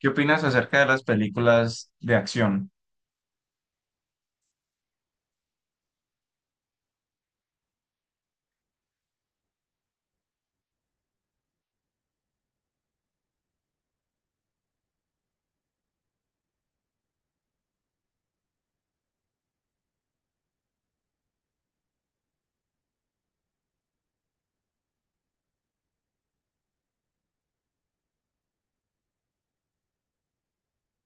¿Qué opinas acerca de las películas de acción?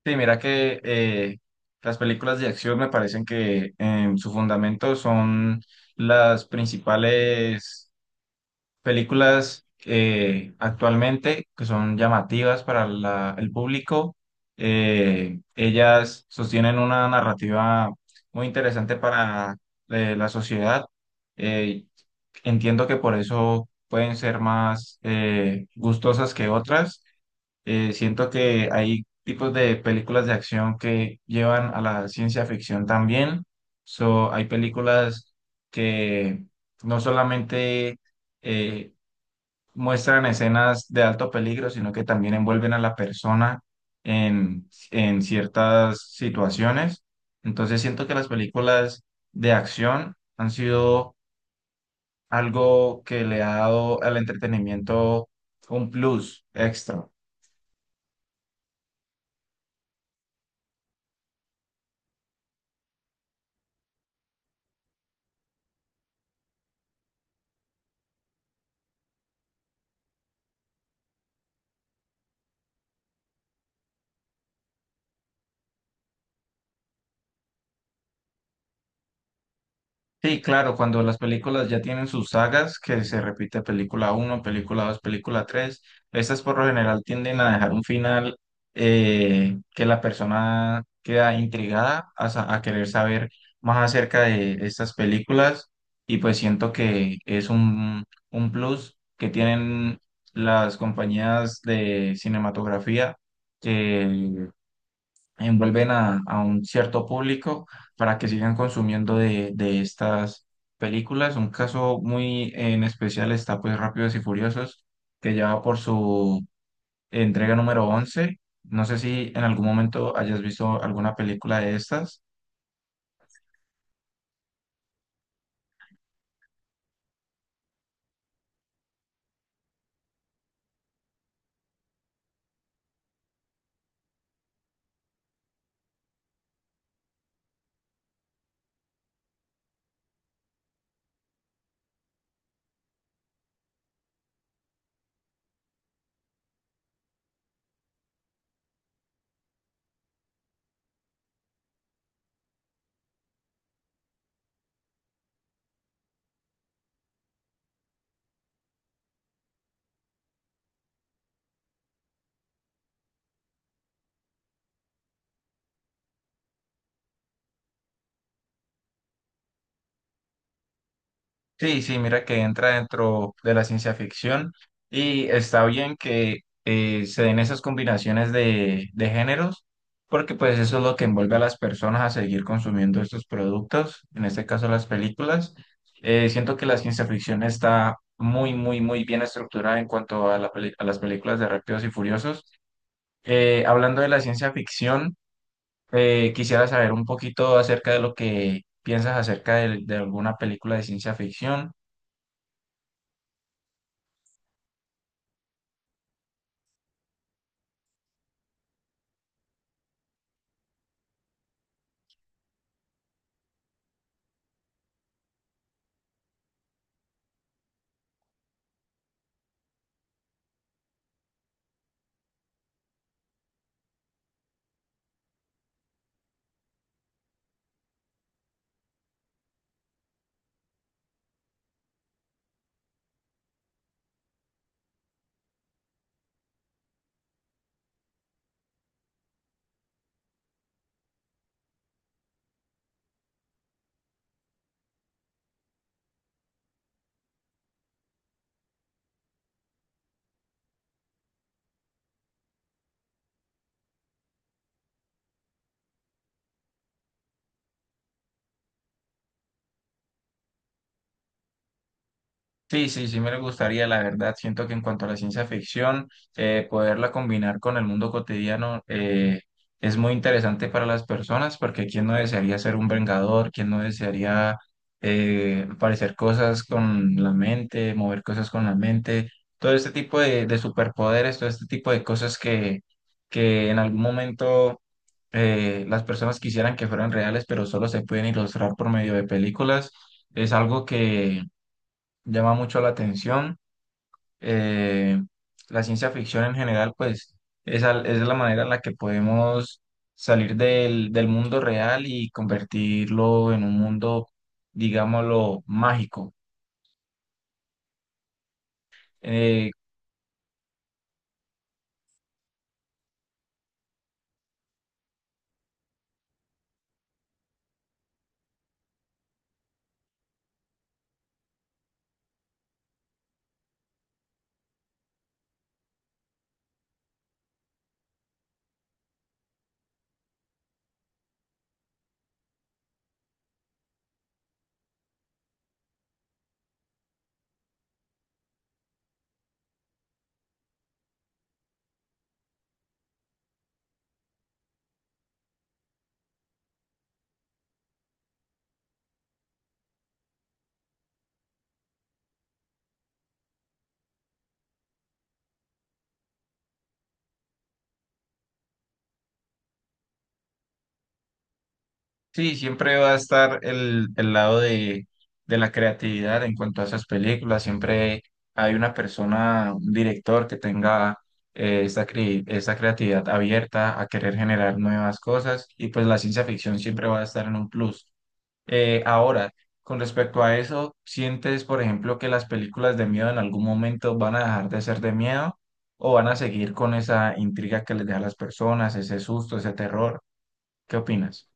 Sí, mira que las películas de acción me parecen que en su fundamento son las principales películas actualmente que son llamativas para el público. Ellas sostienen una narrativa muy interesante para la sociedad. Eh, Entiendo que por eso pueden ser más gustosas que otras. Siento que hay tipos de películas de acción que llevan a la ciencia ficción también. So, hay películas que no solamente eh, muestran escenas de alto peligro, sino que también envuelven a la persona en ciertas situaciones. Entonces, siento que las películas de acción han sido algo que le ha dado al entretenimiento un plus extra. Sí, claro, cuando las películas ya tienen sus sagas, que se repite película uno, película 2, película 3, estas por lo general tienden a dejar un final que la persona queda intrigada a querer saber más acerca de estas películas, y pues siento que es un plus que tienen las compañías de cinematografía, envuelven a un cierto público para que sigan consumiendo de estas películas. Un caso muy en especial está pues Rápidos y Furiosos, que ya va por su entrega número 11. No sé si en algún momento hayas visto alguna película de estas. Sí, sí, mira que entra dentro de la ciencia ficción y está bien que se den esas combinaciones de géneros, porque pues eso es lo que envuelve a las personas a seguir consumiendo estos productos, en este caso las películas. Siento que la ciencia ficción está muy, muy, muy bien estructurada en cuanto a, a las películas de Rápidos y Furiosos. Hablando de la ciencia ficción, quisiera saber un poquito acerca de lo que piensas acerca de alguna película de ciencia ficción. Sí, sí, sí me gustaría, la verdad. Siento que en cuanto a la ciencia ficción, poderla combinar con el mundo cotidiano es muy interesante para las personas, porque quién no desearía ser un vengador, quién no desearía parecer cosas con la mente, mover cosas con la mente, todo este tipo de superpoderes, todo este tipo de cosas que en algún momento las personas quisieran que fueran reales, pero solo se pueden ilustrar por medio de películas. Es algo que llama mucho la atención. Eh, la ciencia ficción en general, pues, es, es la manera en la que podemos salir del mundo real y convertirlo en un mundo, digámoslo, mágico. Eh, Sí, siempre va a estar el lado de la creatividad en cuanto a esas películas. Siempre hay una persona, un director que tenga esta, esta creatividad abierta a querer generar nuevas cosas, y pues la ciencia ficción siempre va a estar en un plus. Ahora, con respecto a eso, ¿sientes, por ejemplo, que las películas de miedo en algún momento van a dejar de ser de miedo, o van a seguir con esa intriga que les deja a las personas, ese susto, ese terror? ¿Qué opinas?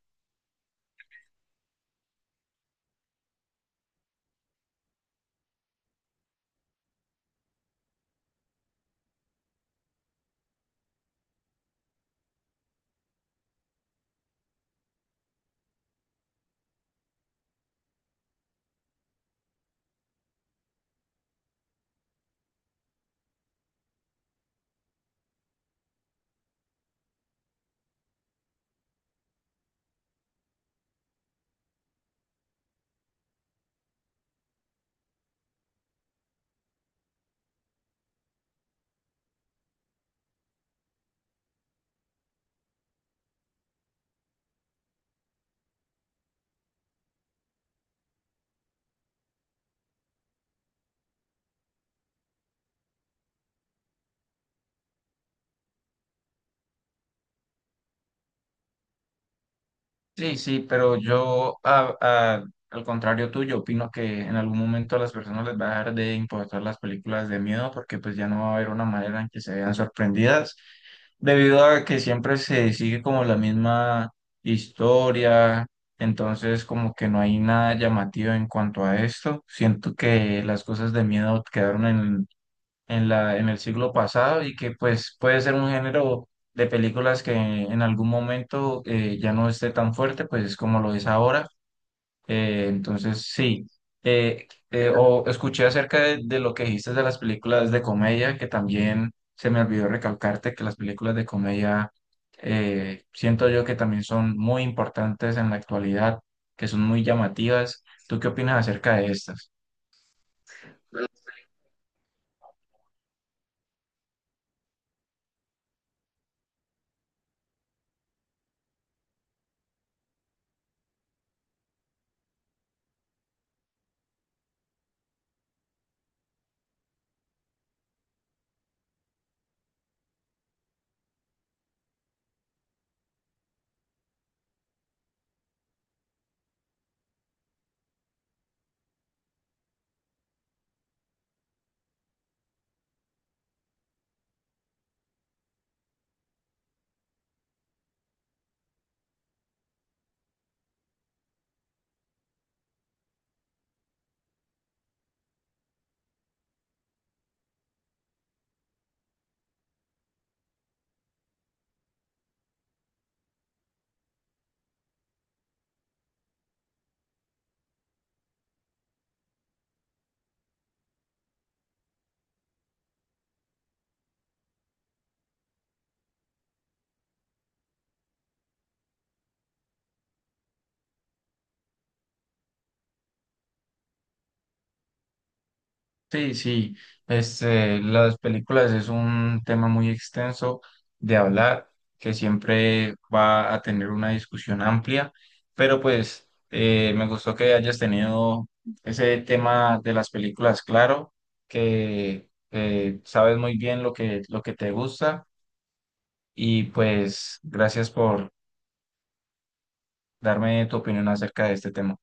Sí, sí, pero yo, al contrario tuyo, opino que en algún momento a las personas les va a dejar de importar las películas de miedo, porque pues ya no va a haber una manera en que se vean sorprendidas, debido a que siempre se sigue como la misma historia, entonces como que no hay nada llamativo en cuanto a esto. Siento que las cosas de miedo quedaron en en el siglo pasado, y que pues puede ser un género de películas que en algún momento ya no esté tan fuerte, pues es como lo es ahora. Entonces, sí. O escuché acerca de lo que dijiste de las películas de comedia, que también se me olvidó recalcarte que las películas de comedia siento yo que también son muy importantes en la actualidad, que son muy llamativas. ¿Tú qué opinas acerca de estas? Sí, sí, este, las películas es un tema muy extenso de hablar, que siempre va a tener una discusión amplia, pero pues me gustó que hayas tenido ese tema de las películas, claro, que sabes muy bien lo que te gusta, y pues gracias por darme tu opinión acerca de este tema.